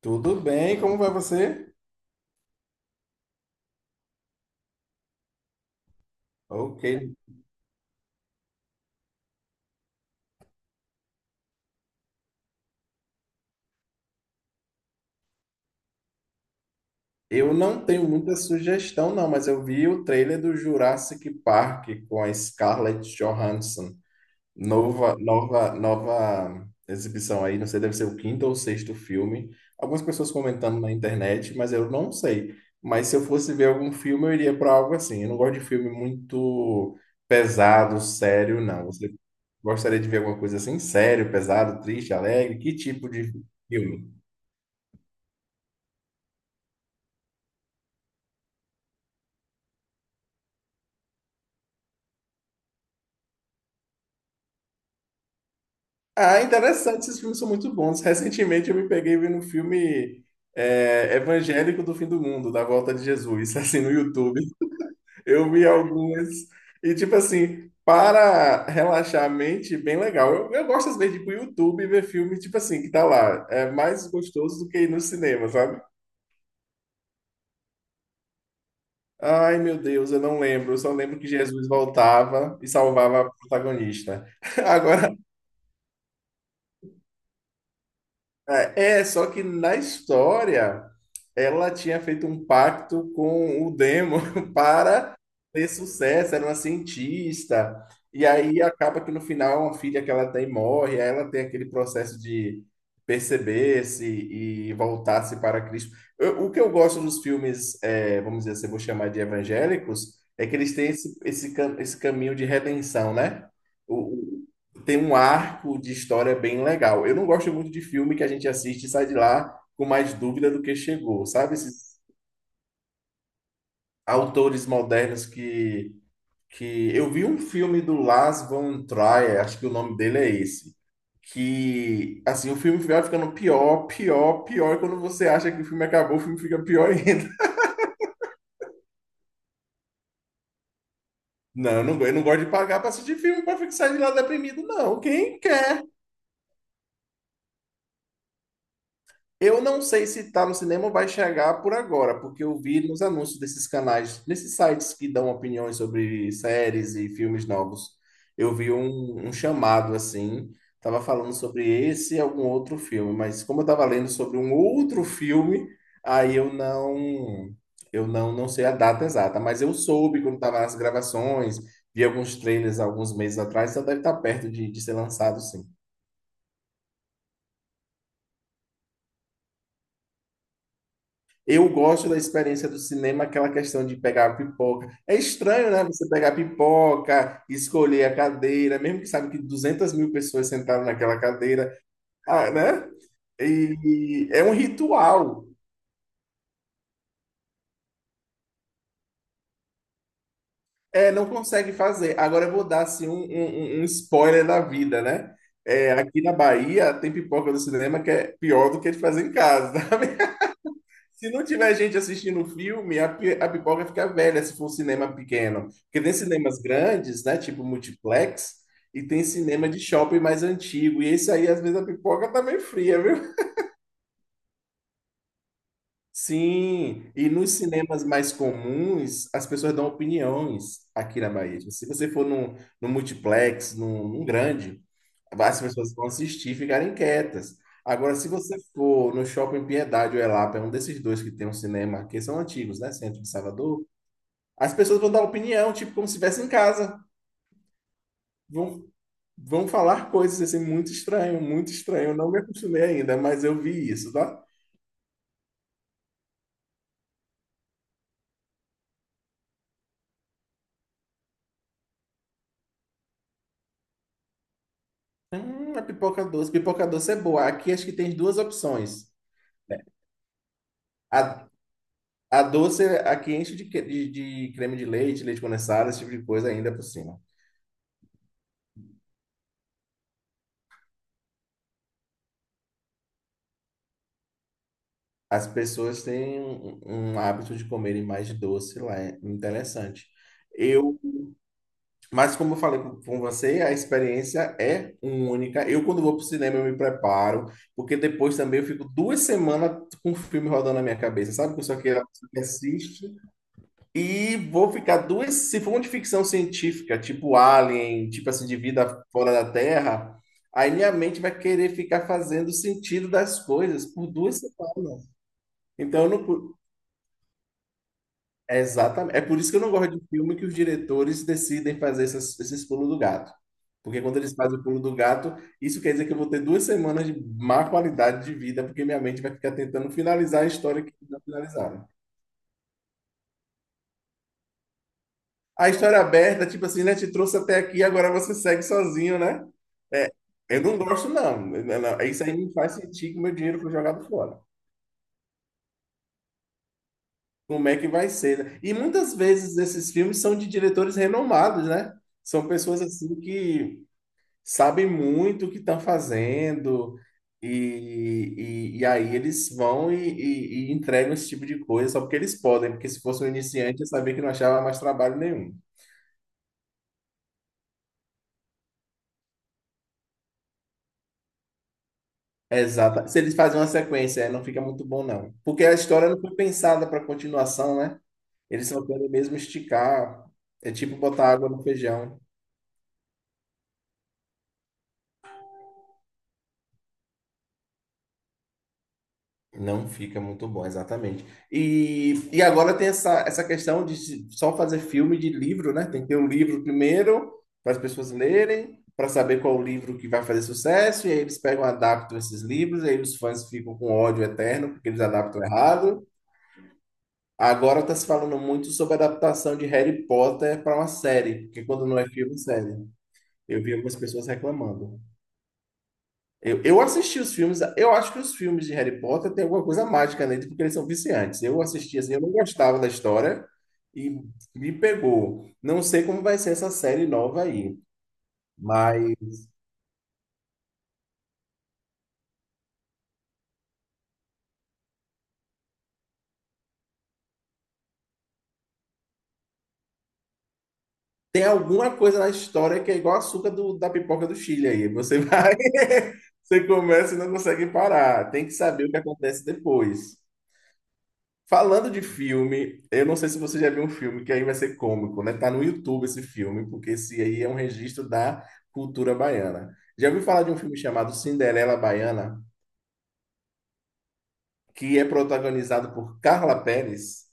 Tudo bem, como vai você? Ok. Eu não tenho muita sugestão, não, mas eu vi o trailer do Jurassic Park com a Scarlett Johansson. Nova exibição aí, não sei, deve ser o quinto ou sexto filme. Algumas pessoas comentando na internet, mas eu não sei. Mas se eu fosse ver algum filme, eu iria para algo assim. Eu não gosto de filme muito pesado, sério, não. Você gostaria de ver alguma coisa assim? Sério, pesado, triste, alegre? Que tipo de filme? Ah, interessante, esses filmes são muito bons. Recentemente eu me peguei vendo um filme evangélico do fim do mundo, da volta de Jesus, assim, no YouTube. Eu vi algumas e, tipo assim, para relaxar a mente, bem legal. Eu gosto, às vezes, de ir pro YouTube e ver filme, tipo assim, que tá lá. É mais gostoso do que ir no cinema, sabe? Ai, meu Deus, eu não lembro. Eu só lembro que Jesus voltava e salvava a protagonista. Agora, só que na história ela tinha feito um pacto com o Demo para ter sucesso, era uma cientista. E aí acaba que no final uma filha que ela tem morre, aí ela tem aquele processo de perceber-se e voltar-se para Cristo. O que eu gosto dos filmes, é, vamos dizer assim, eu vou chamar de evangélicos, é que eles têm esse caminho de redenção, né? Tem um arco de história bem legal. Eu não gosto muito de filme que a gente assiste e sai de lá com mais dúvida do que chegou, sabe? Esses autores modernos eu vi um filme do Lars von Trier, acho que o nome dele é esse, que, assim, o filme vai ficando pior, pior, pior, e quando você acha que o filme acabou, o filme fica pior ainda. Não, eu não gosto de pagar para assistir filme para ficar sair de lá deprimido, não. Quem quer... Eu não sei se está no cinema ou vai chegar por agora, porque eu vi nos anúncios desses canais, nesses sites que dão opiniões sobre séries e filmes novos, eu vi um chamado assim, tava falando sobre esse e algum outro filme, mas como eu tava lendo sobre um outro filme, aí eu não, não sei a data exata, mas eu soube quando tava nas gravações, vi alguns trailers alguns meses atrás, então deve estar perto de ser lançado, sim. Eu gosto da experiência do cinema, aquela questão de pegar a pipoca. É estranho, né? Você pegar a pipoca, escolher a cadeira, mesmo que sabe que 200.000 pessoas sentaram naquela cadeira, ah, né? E é um ritual. É, não consegue fazer. Agora eu vou dar assim, um spoiler da vida, né? É, aqui na Bahia tem pipoca do cinema que é pior do que de fazer em casa, tá? Se não tiver gente assistindo o filme, a pipoca fica velha se for um cinema pequeno. Porque tem cinemas grandes, né? Tipo multiplex, e tem cinema de shopping mais antigo. E esse aí, às vezes, a pipoca tá meio fria, viu? Sim, e nos cinemas mais comuns, as pessoas dão opiniões aqui na Bahia. Tipo, se você for num multiplex, num grande, as pessoas vão assistir e ficarem quietas. Agora, se você for no Shopping Piedade ou Elapa, é um desses dois que tem um cinema, que são antigos, né? Centro de Salvador, as pessoas vão dar opinião, tipo, como se estivesse em casa. Vão, vão falar coisas assim, muito estranho, muito estranho. Eu não me acostumei ainda, mas eu vi isso, tá? A pipoca doce. Pipoca doce é boa. Aqui acho que tem duas opções. A, a doce aqui enche de creme de leite, leite condensado, esse tipo de coisa ainda por cima. As pessoas têm um hábito de comerem mais de doce lá, é interessante. Eu, mas como eu falei com você, a experiência é única. Eu, quando vou pro cinema, eu me preparo, porque depois também eu fico 2 semanas com o filme rodando na minha cabeça. Sabe que eu sou aquela pessoa que assiste e vou ficar duas. Se for uma de ficção científica, tipo Alien, tipo assim, de vida fora da Terra, aí minha mente vai querer ficar fazendo sentido das coisas por 2 semanas. Então, eu não. cu- é exatamente. É por isso que eu não gosto de filme que os diretores decidem fazer esses pulos do gato. Porque quando eles fazem o pulo do gato, isso quer dizer que eu vou ter 2 semanas de má qualidade de vida, porque minha mente vai ficar tentando finalizar a história que não finalizaram. A história aberta, tipo assim, né? Te trouxe até aqui, agora você segue sozinho, né? É, eu não gosto, não. Isso aí me faz sentir que meu dinheiro foi jogado fora. Como é que vai ser, né? E muitas vezes esses filmes são de diretores renomados, né? São pessoas assim que sabem muito o que estão fazendo, e aí eles vão e entregam esse tipo de coisa só porque eles podem, porque se fosse um iniciante, eu sabia que não achava mais trabalho nenhum. Exata. Se eles fazem uma sequência, é, não fica muito bom, não. Porque a história não foi pensada para continuação, né? Eles só querem mesmo esticar. É tipo botar água no feijão. Não fica muito bom, exatamente. E agora tem essa questão de só fazer filme de livro, né? Tem que ter o livro primeiro, para as pessoas lerem, para saber qual o livro que vai fazer sucesso, e aí eles pegam, adaptam esses livros, e aí os fãs ficam com ódio eterno, porque eles adaptam errado. Agora está se falando muito sobre a adaptação de Harry Potter para uma série, porque quando não é filme, é série. Eu vi algumas pessoas reclamando. Eu assisti os filmes, eu acho que os filmes de Harry Potter tem alguma coisa mágica neles, porque eles são viciantes. Eu assisti assim, eu não gostava da história e me pegou. Não sei como vai ser essa série nova aí, mas tem alguma coisa na história que é igual açúcar da pipoca do Chile aí. Você vai, você começa e não consegue parar. Tem que saber o que acontece depois. Falando de filme, eu não sei se você já viu um filme que aí vai ser cômico, né? Tá no YouTube esse filme, porque esse aí é um registro da cultura baiana. Já ouviu falar de um filme chamado Cinderela Baiana, que é protagonizado por Carla Pérez?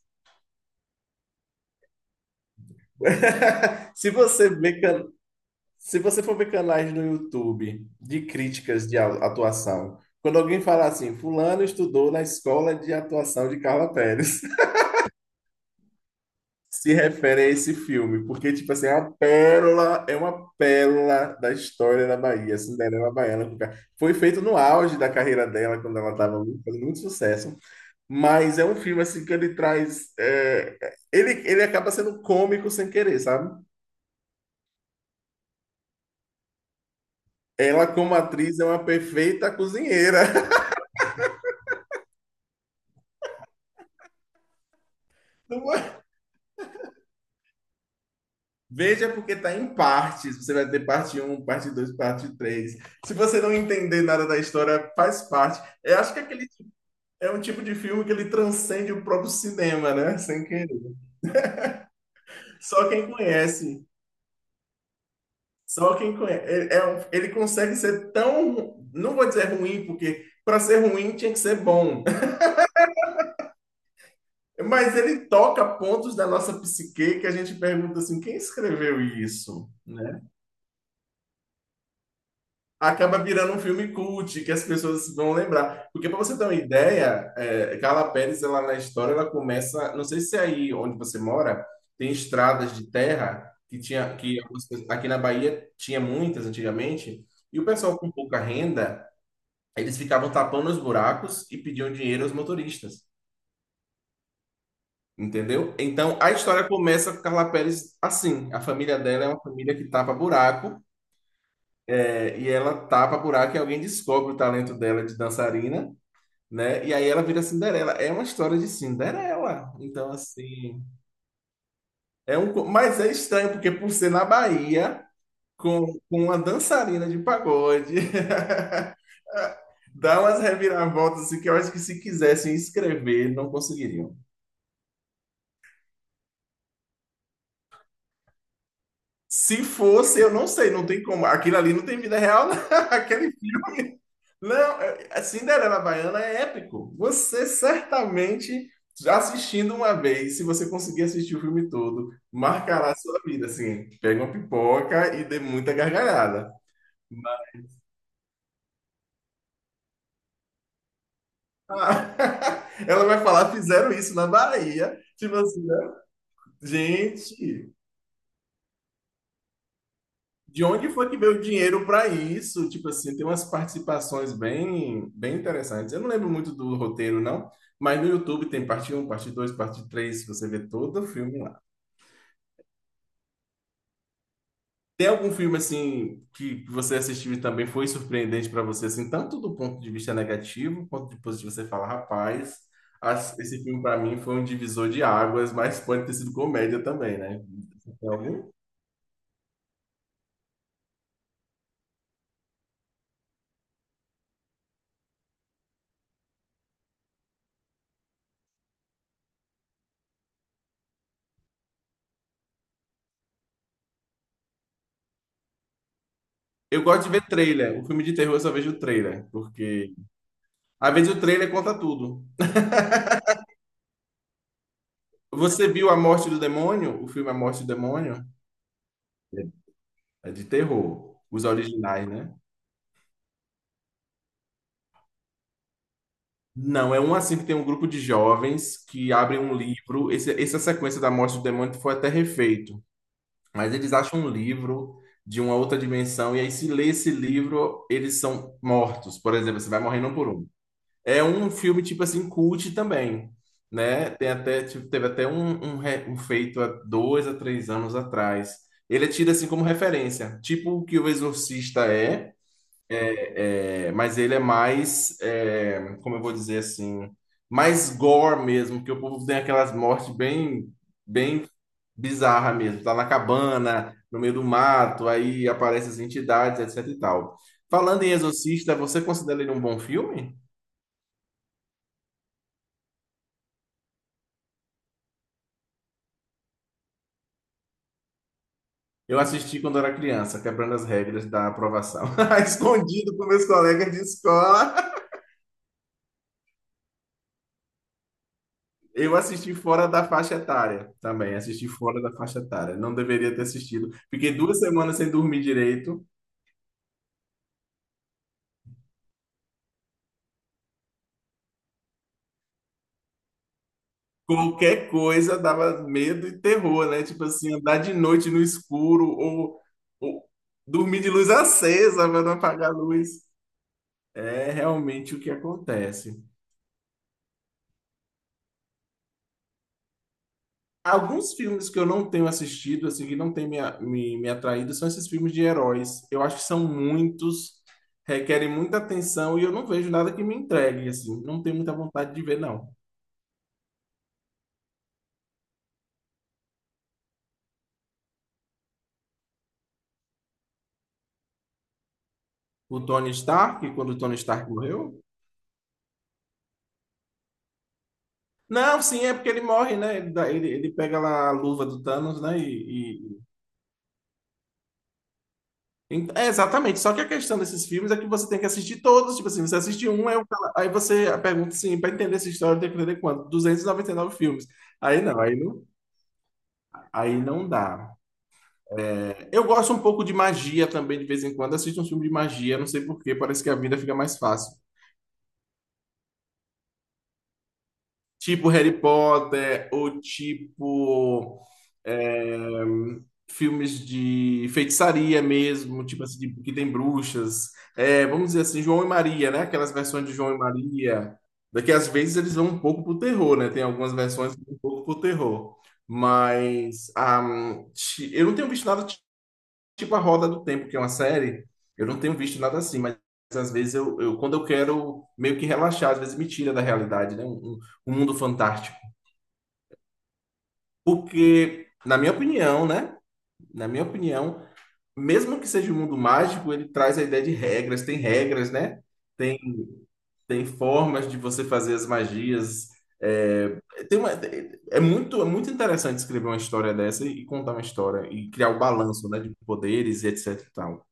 Se você vê, can- Se você for ver canais no YouTube de críticas de atuação, quando alguém fala assim, fulano estudou na escola de atuação de Carla Pérez, se refere a esse filme, porque, tipo assim, é uma pérola da história da Bahia, Cinderela Baiana. Foi feito no auge da carreira dela, quando ela estava fazendo muito sucesso, mas é um filme, assim, que ele traz... é, ele acaba sendo cômico sem querer, sabe? Ela, como atriz, é uma perfeita cozinheira. Veja porque tá em partes. Você vai ter parte um, parte 2, parte 3. Se você não entender nada da história, faz parte. Eu acho que aquele... É um tipo de filme que ele transcende o próprio cinema, né? Sem querer. Só quem conhece. Só quem conhece. É um- ele consegue ser tão... Não vou dizer ruim, porque para ser ruim tinha que ser bom. Mas ele toca pontos da nossa psique que a gente pergunta assim: quem escreveu isso? Né? Acaba virando um filme cult, que as pessoas vão lembrar. Porque para você ter uma ideia, é, Carla Pérez, ela na história, ela começa, não sei se é aí onde você mora, tem estradas de terra que tinha que algumas pessoas... aqui na Bahia tinha muitas antigamente, e o pessoal com pouca renda, eles ficavam tapando os buracos e pediam dinheiro aos motoristas. Entendeu? Então a história começa com Carla Pérez assim. A família dela é uma família que tapa buraco, é, e ela tapa buraco e alguém descobre o talento dela de dançarina. Né? E aí ela vira Cinderela. É uma história de Cinderela. Então, assim, é mas é estranho porque por ser na Bahia, com uma dançarina de pagode, dá umas reviravoltas assim, que eu acho que se quisessem escrever, não conseguiriam. Se fosse, eu não sei, não tem como. Aquilo ali não tem vida real, não. Aquele filme. Não, é- é Cinderela Baiana é épico. Você certamente, já assistindo uma vez, se você conseguir assistir o filme todo, marcará a sua vida, assim. Pega uma pipoca e dê muita gargalhada. Ah, ela vai falar, fizeram isso na Bahia. Tipo assim, né? gente, de onde foi que veio o dinheiro para isso? Tipo assim, tem umas participações bem, bem interessantes. Eu não lembro muito do roteiro, não, mas no YouTube tem parte um, parte 2, parte 3, você vê todo o filme lá. Tem algum filme assim que você assistiu e também foi surpreendente para você, assim, tanto do ponto de vista negativo quanto de positivo, você fala, rapaz, esse filme para mim foi um divisor de águas, mas pode ter sido comédia também, né? Tem algum? Eu gosto de ver trailer. O filme de terror eu só vejo o trailer, porque às vezes o trailer conta tudo. Você viu A Morte do Demônio? O filme A Morte do Demônio? É de terror. Os originais, né? Não, é um assim que tem um grupo de jovens que abrem um livro. Essa sequência da Morte do Demônio foi até refeito. Mas eles acham um livro de uma outra dimensão, e aí, se lê esse livro, eles são mortos. Por exemplo, você vai morrendo um por um. É um filme, tipo assim, cult também, né? Tem até, tipo, teve até um feito há 2 a 3 anos atrás. Ele é tido, assim, como referência. Tipo o que o Exorcista é, mas ele é mais, como eu vou dizer assim, mais gore mesmo, que o povo tem aquelas mortes bem, bem bizarra mesmo. Tá na cabana, no meio do mato, aí aparecem as entidades, etc e tal. Falando em Exorcista, você considera ele um bom filme? Eu assisti quando era criança, quebrando as regras da aprovação. Escondido com meus colegas de escola. Eu assisti fora da faixa etária também. Assisti fora da faixa etária. Não deveria ter assistido. Fiquei 2 semanas sem dormir direito. Qualquer coisa dava medo e terror, né? Tipo assim, andar de noite no escuro ou, ou dormir de luz acesa para não apagar a luz. É realmente o que acontece. Alguns filmes que eu não tenho assistido, assim, que não tem me atraído, são esses filmes de heróis. Eu acho que são muitos, requerem muita atenção e eu não vejo nada que me entregue, assim. Não tenho muita vontade de ver, não. O Tony Stark, quando o Tony Stark morreu? Não, sim, é porque ele morre, né? Ele pega lá a luva do Thanos, né? É, exatamente. Só que a questão desses filmes é que você tem que assistir todos. Tipo assim, você assiste um, aí, aí você pergunta assim, para entender essa história, tem que entender quanto? 299 filmes. Aí não, aí não Aí não dá. Eu gosto um pouco de magia também, de vez em quando. Assisto um filme de magia, não sei por quê, parece que a vida fica mais fácil. Tipo Harry Potter, ou tipo é, filmes de feitiçaria mesmo, tipo assim, que tem bruxas. É, vamos dizer assim, João e Maria, né? Aquelas versões de João e Maria. Daqui às vezes eles vão um pouco pro terror, né? Tem algumas versões que vão um pouco pro terror. Mas eu não tenho visto nada tipo a Roda do Tempo, que é uma série, eu não tenho visto nada assim, mas às vezes quando eu quero meio que relaxar, às vezes me tira da realidade, né? Um mundo fantástico. Porque, na minha opinião, né? Na minha opinião, mesmo que seja um mundo mágico, ele traz a ideia de regras, tem regras, né? Tem, tem formas de você fazer as magias. É, tem uma, é é muito, É muito interessante escrever uma história dessa e contar uma história e criar o balanço, né, de poderes e etc e tal.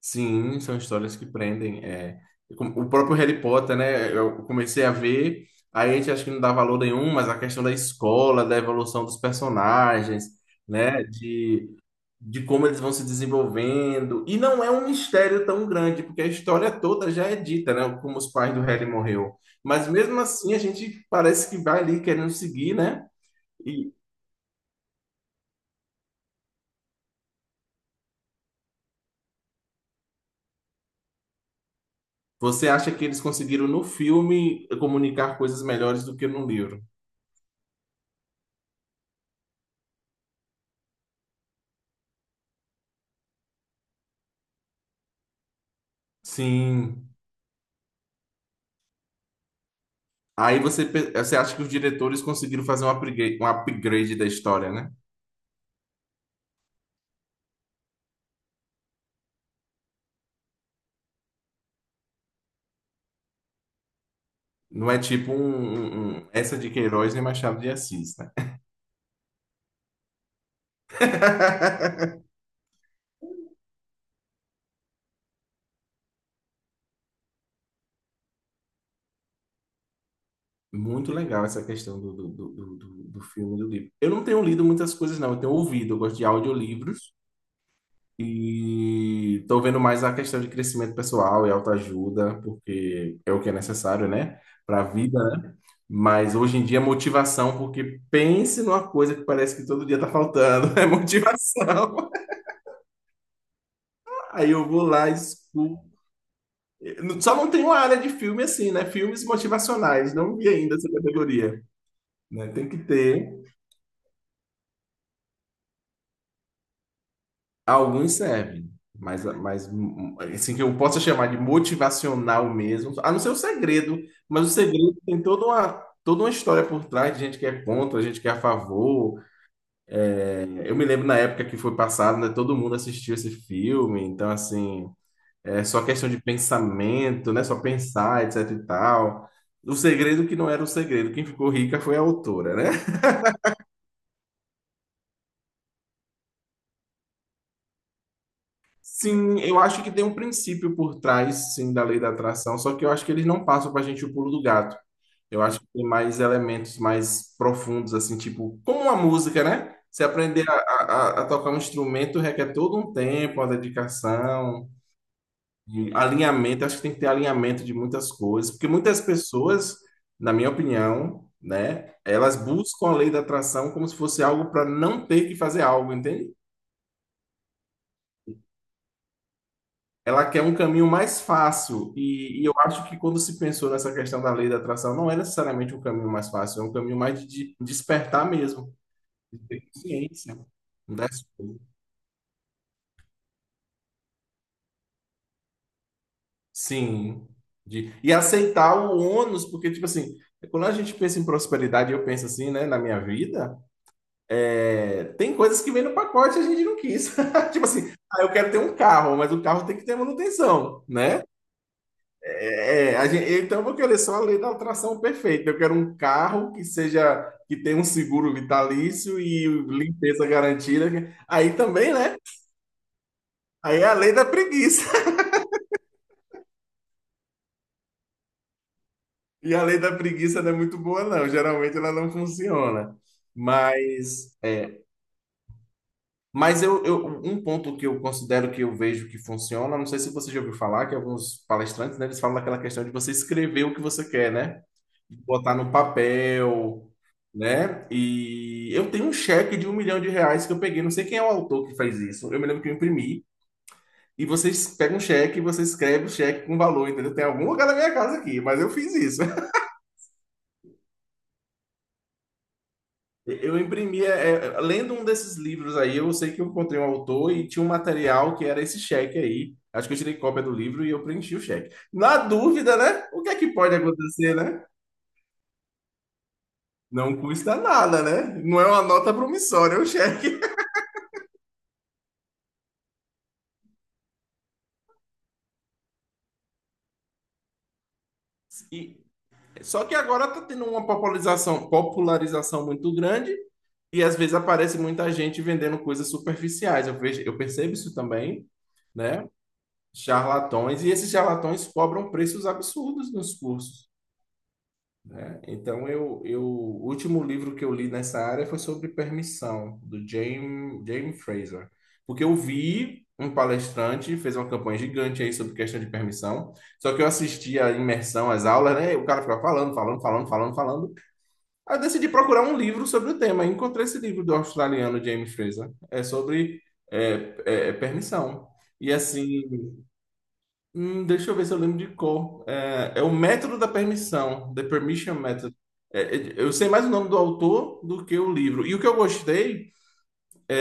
Sim, são histórias que prendem. É, o próprio Harry Potter, né? Eu comecei a ver, aí a gente acha que não dá valor nenhum, mas a questão da escola, da evolução dos personagens, né? De como eles vão se desenvolvendo. E não é um mistério tão grande, porque a história toda já é dita, né? Como os pais do Harry morreu. Mas mesmo assim, a gente parece que vai ali querendo seguir, né? E você acha que eles conseguiram no filme comunicar coisas melhores do que no livro. Sim. Aí você acha que os diretores conseguiram fazer um upgrade, da história, né? Não é tipo essa de Queiroz nem Machado de Assis, né? Muito legal essa questão do filme e do livro. Eu não tenho lido muitas coisas, não. Eu tenho ouvido, eu gosto de audiolivros. E estou vendo mais a questão de crescimento pessoal e autoajuda, porque é o que é necessário, né? Para a vida, né? Mas hoje em dia, é motivação, porque pense numa coisa que parece que todo dia está faltando, é motivação. Aí eu vou lá e escuto. Só não tem uma área de filme assim, né? Filmes motivacionais, não vi ainda essa categoria, né? Tem que ter. Alguns servem, mas, assim que eu possa chamar de motivacional mesmo, a não ser o segredo, mas o segredo tem toda uma história por trás de gente que é contra, gente que é a favor. É, eu me lembro na época que foi passado, né, todo mundo assistiu esse filme, então assim, é só questão de pensamento, né, só pensar, etc e tal. O segredo que não era o segredo, quem ficou rica foi a autora, né? Sim, eu acho que tem um princípio por trás, sim, da lei da atração, só que eu acho que eles não passam pra gente o pulo do gato. Eu acho que tem mais elementos mais profundos, assim, tipo, como a música, né? Você aprender a tocar um instrumento requer todo um tempo, uma dedicação, e alinhamento. Acho que tem que ter alinhamento de muitas coisas, porque muitas pessoas, na minha opinião, né, elas buscam a lei da atração como se fosse algo para não ter que fazer algo, entende? Ela quer um caminho mais fácil. E eu acho que quando se pensou nessa questão da lei da atração, não é necessariamente um caminho mais fácil, é um caminho mais de despertar mesmo, de ter consciência das coisas. Sim. E aceitar o ônus, porque, tipo assim, quando a gente pensa em prosperidade, eu penso assim, né, na minha vida, tem coisas que vêm no pacote e a gente não quis. Tipo assim, ah, eu quero ter um carro, mas o carro tem que ter manutenção, né? É, então eu vou querer só a lei da atração perfeita. Eu quero um carro que tenha um seguro vitalício e limpeza garantida. Aí também, né? Aí é a lei da preguiça. E a lei da preguiça não é muito boa, não. Geralmente ela não funciona. Mas, é, mas um ponto que eu considero que eu vejo que funciona, não sei se você já ouviu falar, que alguns palestrantes, né, eles falam daquela questão de você escrever o que você quer, né? Botar no papel, né? E eu tenho um cheque de 1 milhão de reais que eu peguei. Não sei quem é o autor que faz isso. Eu me lembro que eu imprimi. E você pega um cheque e você escreve o cheque com valor, entendeu? Tem algum lugar na minha casa aqui, mas eu fiz isso. Eu imprimi, lendo um desses livros aí, eu sei que eu encontrei um autor e tinha um material que era esse cheque aí. Acho que eu tirei cópia do livro e eu preenchi o cheque. Na dúvida, né? O que é que pode acontecer, né? Não custa nada, né? Não é uma nota promissória, é um cheque. E Só que agora está tendo uma popularização muito grande e às vezes aparece muita gente vendendo coisas superficiais. Eu vejo, eu percebo isso também, né? Charlatões, e esses charlatões cobram preços absurdos nos cursos, né? Então eu o último livro que eu li nessa área foi sobre permissão, do James Fraser. Porque eu vi um palestrante fez uma campanha gigante aí sobre questão de permissão. Só que eu assisti a imersão, as aulas, né? O cara ficava falando, falando, falando, falando, falando. Aí eu decidi procurar um livro sobre o tema. Encontrei esse livro do australiano James Fraser. É sobre permissão. E assim, deixa eu ver se eu lembro de cor. É o método da permissão, The Permission Method. É, eu sei mais o nome do autor do que o livro. E o que eu gostei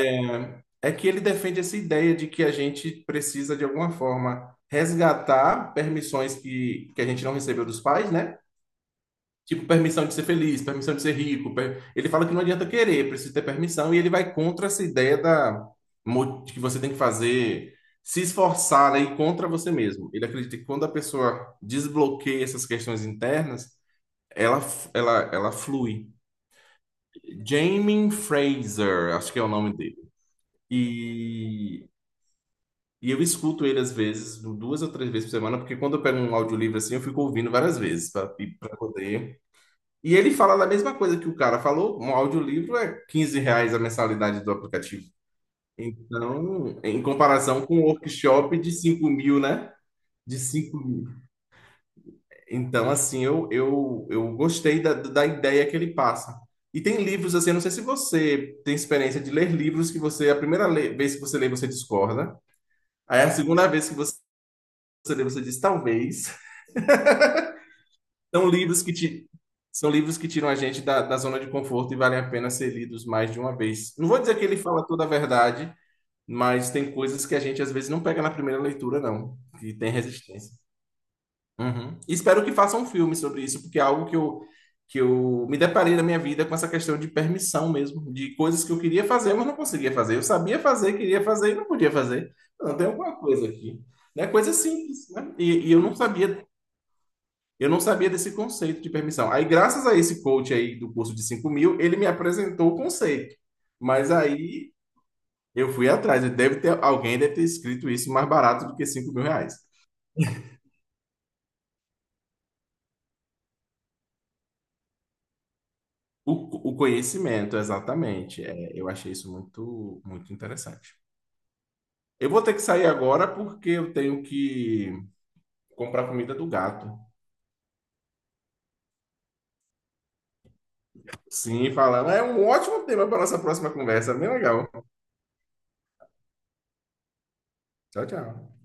é que ele defende essa ideia de que a gente precisa, de alguma forma, resgatar permissões que a gente não recebeu dos pais, né? Tipo, permissão de ser feliz, permissão de ser rico. Ele fala que não adianta querer, precisa ter permissão, e ele vai contra essa ideia de que você tem que fazer, se esforçar, né, e contra você mesmo. Ele acredita que quando a pessoa desbloqueia essas questões internas, ela flui. Jamie Fraser, acho que é o nome dele. E, e eu escuto ele às vezes, duas ou três vezes por semana, porque quando eu pego um audiolivro assim, eu fico ouvindo várias vezes para poder. E ele fala da mesma coisa que o cara falou, um audiolivro é R$ 15 a mensalidade do aplicativo. Então, em comparação com um workshop de 5 mil, né? De 5 mil. Então, assim, eu gostei da ideia que ele passa. E tem livros, assim, eu não sei se você tem experiência de ler livros que você, a primeira vez que você lê, você discorda. Aí a segunda vez que você lê, você diz talvez. São livros que ti- são livros que tiram a gente da zona de conforto e valem a pena ser lidos mais de uma vez. Não vou dizer que ele fala toda a verdade, mas tem coisas que a gente às vezes não pega na primeira leitura, não, que tem resistência. Uhum. E espero que façam um filme sobre isso, porque é algo que eu, me deparei na minha vida com essa questão de permissão mesmo, de coisas que eu queria fazer, mas não conseguia fazer. Eu sabia fazer, queria fazer e não podia fazer. Não, tem alguma coisa aqui. Né? Coisa simples, né? E eu não sabia desse conceito de permissão. Aí, graças a esse coach aí do curso de 5 mil, ele me apresentou o conceito. Mas aí eu fui atrás. Deve ter, alguém deve ter escrito isso mais barato do que 5 mil reais. O conhecimento, exatamente. É, eu achei isso muito, muito interessante. Eu vou ter que sair agora porque eu tenho que comprar comida do gato. Sim, falando. É um ótimo tema para nossa próxima conversa. Bem legal. Tchau, tchau.